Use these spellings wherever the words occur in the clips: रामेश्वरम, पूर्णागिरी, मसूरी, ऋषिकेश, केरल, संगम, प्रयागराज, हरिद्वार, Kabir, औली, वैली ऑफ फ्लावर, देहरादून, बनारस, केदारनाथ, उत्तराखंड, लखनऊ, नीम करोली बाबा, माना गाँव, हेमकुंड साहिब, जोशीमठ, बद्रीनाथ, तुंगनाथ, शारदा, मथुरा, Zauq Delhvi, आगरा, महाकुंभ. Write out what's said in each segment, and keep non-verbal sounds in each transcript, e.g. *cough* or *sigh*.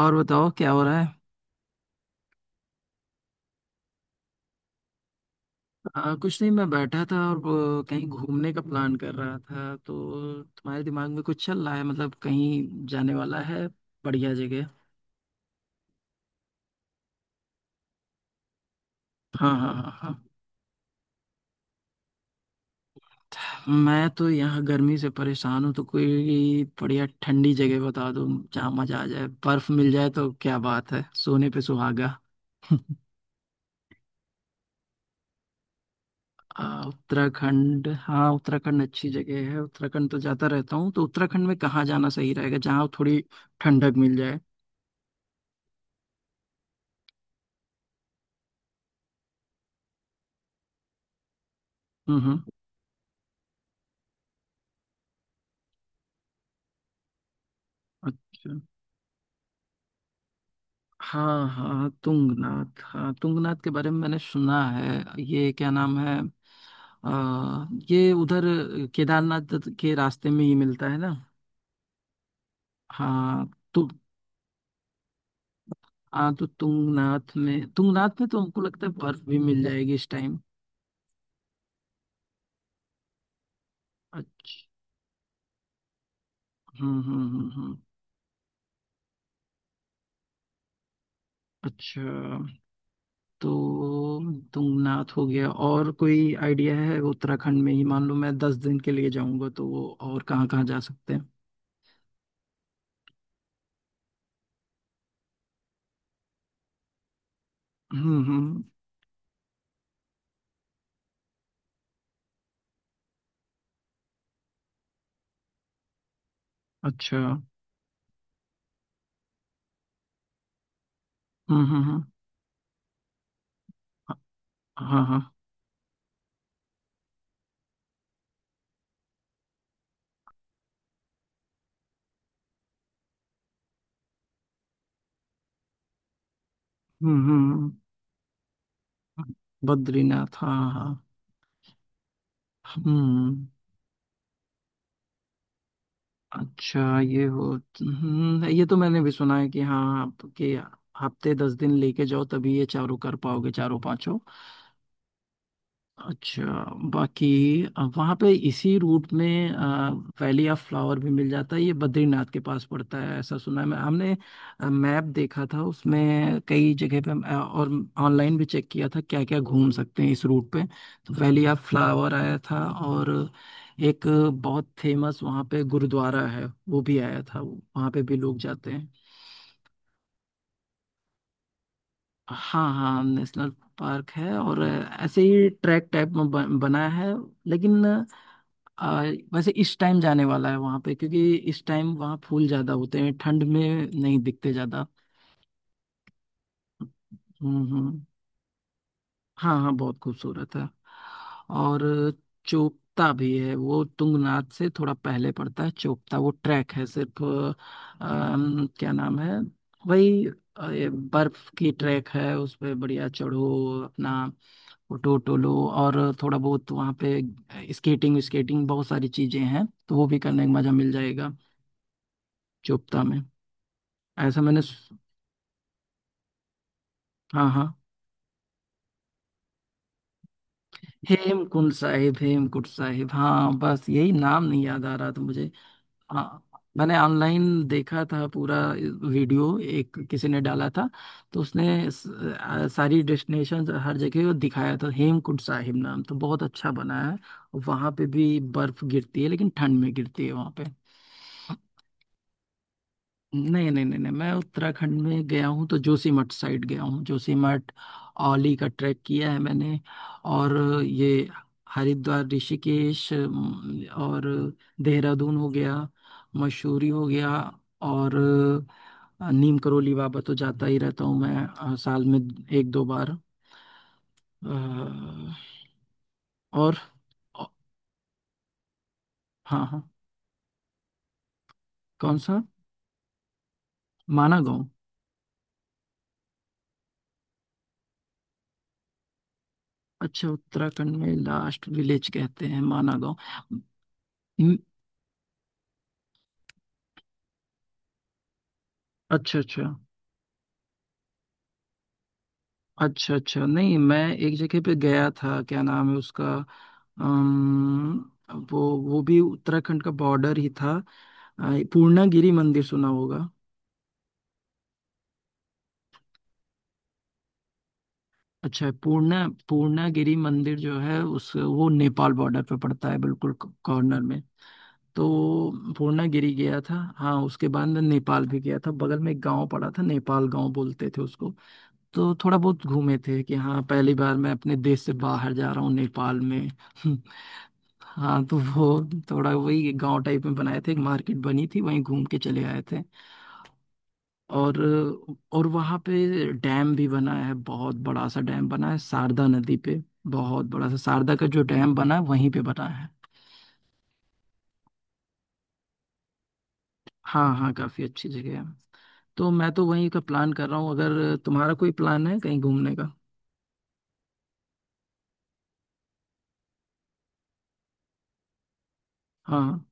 और बताओ क्या हो रहा है। कुछ नहीं, मैं बैठा था और वो कहीं घूमने का प्लान कर रहा था। तो तुम्हारे दिमाग में कुछ चल रहा है, मतलब कहीं जाने वाला है बढ़िया जगह। हाँ हाँ हाँ हाँ। मैं तो यहाँ गर्मी से परेशान हूँ तो कोई बढ़िया ठंडी जगह बता दो। जहाँ मजा आ जाए, बर्फ मिल जाए तो क्या बात है, सोने पे सुहागा। *laughs* उत्तराखंड, हाँ। उत्तराखंड अच्छी जगह है। उत्तराखंड तो जाता रहता हूँ। तो उत्तराखंड में कहाँ जाना सही रहेगा, जहाँ थोड़ी ठंडक मिल जाए। हम्म। अच्छा। हाँ हाँ तुंगनाथ, हाँ तुंगनाथ के बारे में मैंने सुना है। ये क्या नाम है? ये उधर केदारनाथ के रास्ते में ही मिलता है ना? हाँ तो। हाँ तो तुंगनाथ में, तुंगनाथ में तो हमको लगता है बर्फ भी मिल जाएगी इस टाइम। अच्छा। हम्म। अच्छा। तो तुंगनाथ हो गया, और कोई आइडिया है उत्तराखंड में ही? मान लो मैं 10 दिन के लिए जाऊंगा तो वो और कहाँ कहाँ जा सकते हैं। हम्म। अच्छा। हाँ हाँ हाँ हाँ हाँ। हम्म हम्म, हम्म। बद्रीनाथ, हाँ हाँ। हम्म। अच्छा ये हो। हम्म, ये तो मैंने भी सुना है कि हाँ आपके हफ्ते 10 दिन लेके जाओ तभी ये चारों कर पाओगे, चारों पांचों। अच्छा। बाकी वहां पे इसी रूट में वैली ऑफ फ्लावर भी मिल जाता है, ये बद्रीनाथ के पास पड़ता है ऐसा सुना है। मैं हमने मैप देखा था उसमें कई जगह पे, और ऑनलाइन भी चेक किया था क्या क्या घूम सकते हैं इस रूट पे। तो वैली ऑफ फ्लावर आया था, और एक बहुत फेमस वहाँ पे गुरुद्वारा है, वो भी आया था, वहाँ पे भी लोग जाते हैं। हाँ हाँ नेशनल पार्क है, और ऐसे ही ट्रैक टाइप में बना है। लेकिन आ, वैसे इस टाइम जाने वाला है वहां पे, क्योंकि इस टाइम वहां फूल ज्यादा होते हैं, ठंड में नहीं दिखते ज्यादा। हम्म। हाँ हाँ बहुत खूबसूरत है। और चोपता भी है, वो तुंगनाथ से थोड़ा पहले पड़ता है, चोपता। वो ट्रैक है सिर्फ, क्या नाम है वही, ये बर्फ की ट्रैक है, उस पे बढ़िया चढ़ो, अपना फोटो वोटो लो। और थोड़ा बहुत वहाँ पे स्केटिंग स्केटिंग बहुत सारी चीजें हैं तो वो भी करने का मजा मिल जाएगा चुपता में। ऐसा मैंने हाँ हाँ हेमकुंड साहिब, हेमकुंड साहिब, हाँ बस यही नाम नहीं याद आ रहा था मुझे। हाँ मैंने ऑनलाइन देखा था पूरा वीडियो, एक किसी ने डाला था। तो उसने सारी डेस्टिनेशन हर जगह वो दिखाया था। हेमकुंड साहिब नाम तो बहुत अच्छा बना है। वहां पे भी बर्फ गिरती है लेकिन ठंड में गिरती है वहां पे। नहीं नहीं नहीं नहीं, मैं उत्तराखंड में गया हूँ तो जोशीमठ साइड गया हूँ, जोशीमठ। औली का ट्रैक किया है मैंने। और ये हरिद्वार, ऋषिकेश, और देहरादून हो गया, मसूरी हो गया। और नीम करोली बाबा तो जाता ही रहता हूँ मैं, साल में एक दो बार। अ, और अ, हाँ हाँ। कौन सा, माना गाँव? अच्छा उत्तराखंड में लास्ट विलेज कहते हैं माना गाँव। हम्म, अच्छा अच्छा। अच्छा अच्छा, नहीं मैं एक जगह पे गया था, क्या नाम है उसका, अम, वो भी उत्तराखंड का बॉर्डर ही था। अ, पूर्णागिरी मंदिर सुना होगा। अच्छा पूर्णागिरी मंदिर जो है, उस वो नेपाल बॉर्डर पे पड़ता है, बिल्कुल कॉर्नर में। तो पूर्णागिरी गया था हाँ, उसके बाद मैं नेपाल भी गया था, बगल में एक गांव पड़ा था, नेपाल गांव बोलते थे उसको। तो थोड़ा बहुत घूमे थे कि हाँ पहली बार मैं अपने देश से बाहर जा रहा हूँ नेपाल में। *laughs* हाँ तो वो थोड़ा वही गांव टाइप में बनाए थे, एक मार्केट बनी थी, वहीं घूम के चले आए थे। और और वहाँ पे डैम भी बना है, बहुत बड़ा सा डैम बना है शारदा नदी पे। बहुत बड़ा सा शारदा का जो डैम बना है वहीं पे बना है। हाँ हाँ काफी अच्छी जगह है। तो मैं तो वहीं का प्लान कर रहा हूँ, अगर तुम्हारा कोई प्लान है कहीं घूमने का। हाँ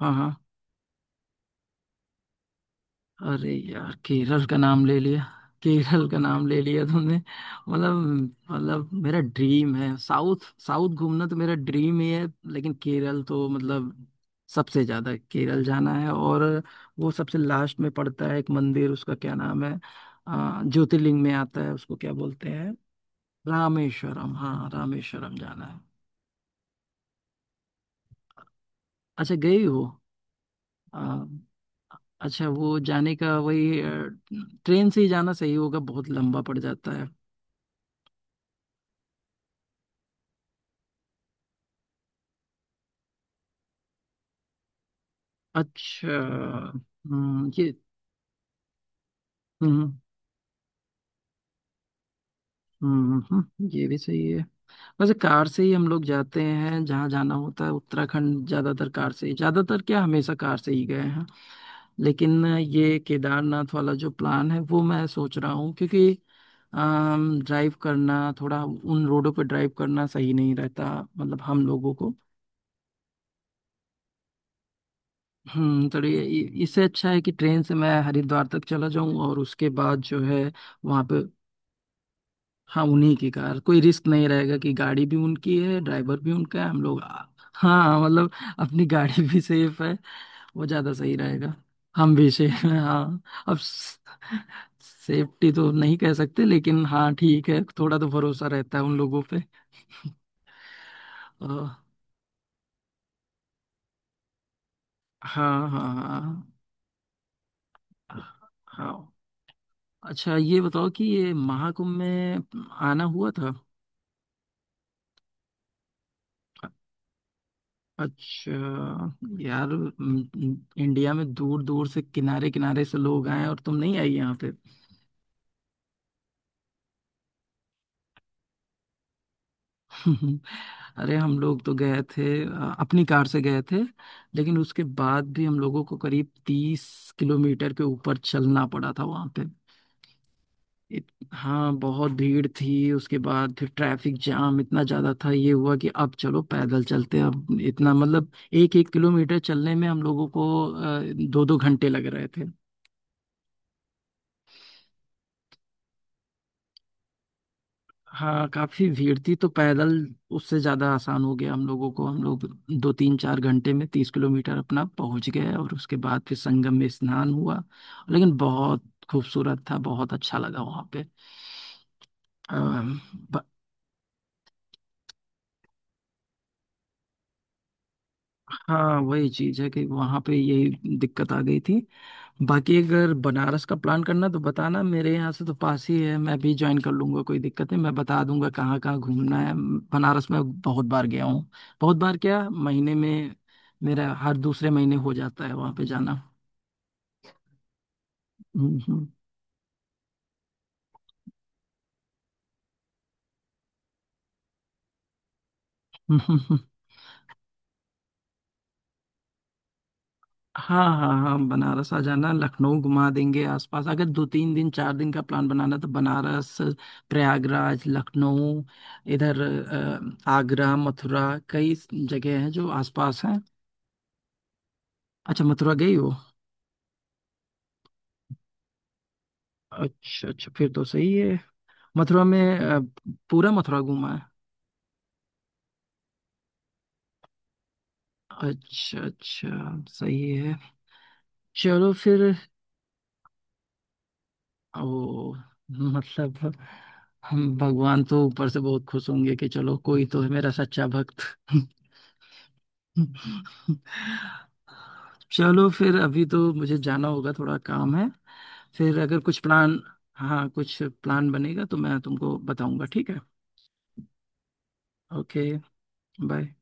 हाँ हाँ। अरे यार केरल का नाम ले लिया। केरल का नाम ले लिया तुमने। मतलब मतलब मेरा ड्रीम है, साउथ साउथ घूमना तो मेरा ड्रीम ही है। लेकिन केरल तो मतलब सबसे ज्यादा केरल जाना है। और वो सबसे लास्ट में पड़ता है, एक मंदिर उसका क्या नाम है, ज्योतिर्लिंग में आता है, उसको क्या बोलते हैं? रामेश्वरम, हाँ रामेश्वरम जाना है। अच्छा गई हो? अ, अच्छा वो जाने का वही, ट्रेन से ही जाना सही होगा, बहुत लंबा पड़ जाता है। अच्छा। ये। हम्म ये भी सही है। वैसे कार से ही हम लोग जाते हैं जहाँ जाना होता है, उत्तराखंड ज्यादातर कार से ही, ज्यादातर क्या, हमेशा कार से ही गए हैं। लेकिन ये केदारनाथ वाला जो प्लान है वो मैं सोच रहा हूँ, क्योंकि ड्राइव करना थोड़ा, उन रोडों पर ड्राइव करना सही नहीं रहता, मतलब हम लोगों को। हम्म, तो इससे अच्छा है कि ट्रेन से मैं हरिद्वार तक चला जाऊं और उसके बाद जो है, वहां पे। हाँ उन्हीं की कार, कोई रिस्क नहीं रहेगा कि गाड़ी भी उनकी है, ड्राइवर भी उनका है, हम लोग हाँ मतलब अपनी गाड़ी भी सेफ है, वो ज्यादा सही रहेगा। हम भी सेफ हैं हाँ। अब सेफ्टी तो नहीं कह सकते लेकिन हाँ ठीक है, थोड़ा तो भरोसा रहता है उन लोगों पे। अ, हाँ हाँ हाँ हाँ। अच्छा ये बताओ कि ये महाकुंभ में आना हुआ था? अच्छा यार, इंडिया में दूर दूर से, किनारे किनारे से लोग आए हैं, और तुम नहीं आई यहाँ पे। *laughs* अरे हम लोग तो गए थे, अपनी कार से गए थे। लेकिन उसके बाद भी हम लोगों को करीब 30 किलोमीटर के ऊपर चलना पड़ा था वहाँ पे। इत, हाँ बहुत भीड़ थी, उसके बाद फिर ट्रैफिक जाम इतना ज्यादा था, ये हुआ कि अब चलो पैदल चलते हैं। अब इतना मतलब, एक एक किलोमीटर चलने में हम लोगों को दो दो घंटे लग रहे थे। हाँ काफी भीड़ थी तो पैदल उससे ज्यादा आसान हो गया हम लोगों को। हम लोग दो तीन चार घंटे में 30 किलोमीटर अपना पहुंच गए, और उसके बाद फिर संगम में स्नान हुआ। लेकिन बहुत खूबसूरत था, बहुत अच्छा लगा वहां पे। अम, ब- हाँ वही चीज है कि वहां पे यही दिक्कत आ गई थी। बाकी अगर बनारस का प्लान करना तो बताना, मेरे यहाँ से तो पास ही है, मैं भी ज्वाइन कर लूंगा, कोई दिक्कत नहीं। मैं बता दूंगा कहाँ कहाँ घूमना है। बनारस में बहुत बार गया हूँ, बहुत बार क्या, महीने में मेरा हर दूसरे महीने हो जाता है वहाँ पे जाना। *laughs* हम्म, हम्म, हम्म, हम्म। हाँ हाँ हाँ, बनारस आ जाना, लखनऊ घुमा देंगे आसपास। अगर दो तीन दिन चार दिन का प्लान बनाना तो बनारस, प्रयागराज, लखनऊ इधर, आगरा, मथुरा, कई जगह हैं जो आसपास हैं। अच्छा मथुरा गई हो? अच्छा अच्छा फिर तो सही है। मथुरा में पूरा मथुरा घूमा है। अच्छा अच्छा सही है, चलो फिर। ओ। मतलब, हम भगवान तो ऊपर से बहुत खुश होंगे कि चलो कोई तो है मेरा सच्चा भक्त। चलो फिर अभी तो मुझे जाना होगा, थोड़ा काम है। फिर अगर कुछ प्लान। हाँ कुछ प्लान बनेगा तो मैं तुमको बताऊंगा, ठीक है? ओके। बाय।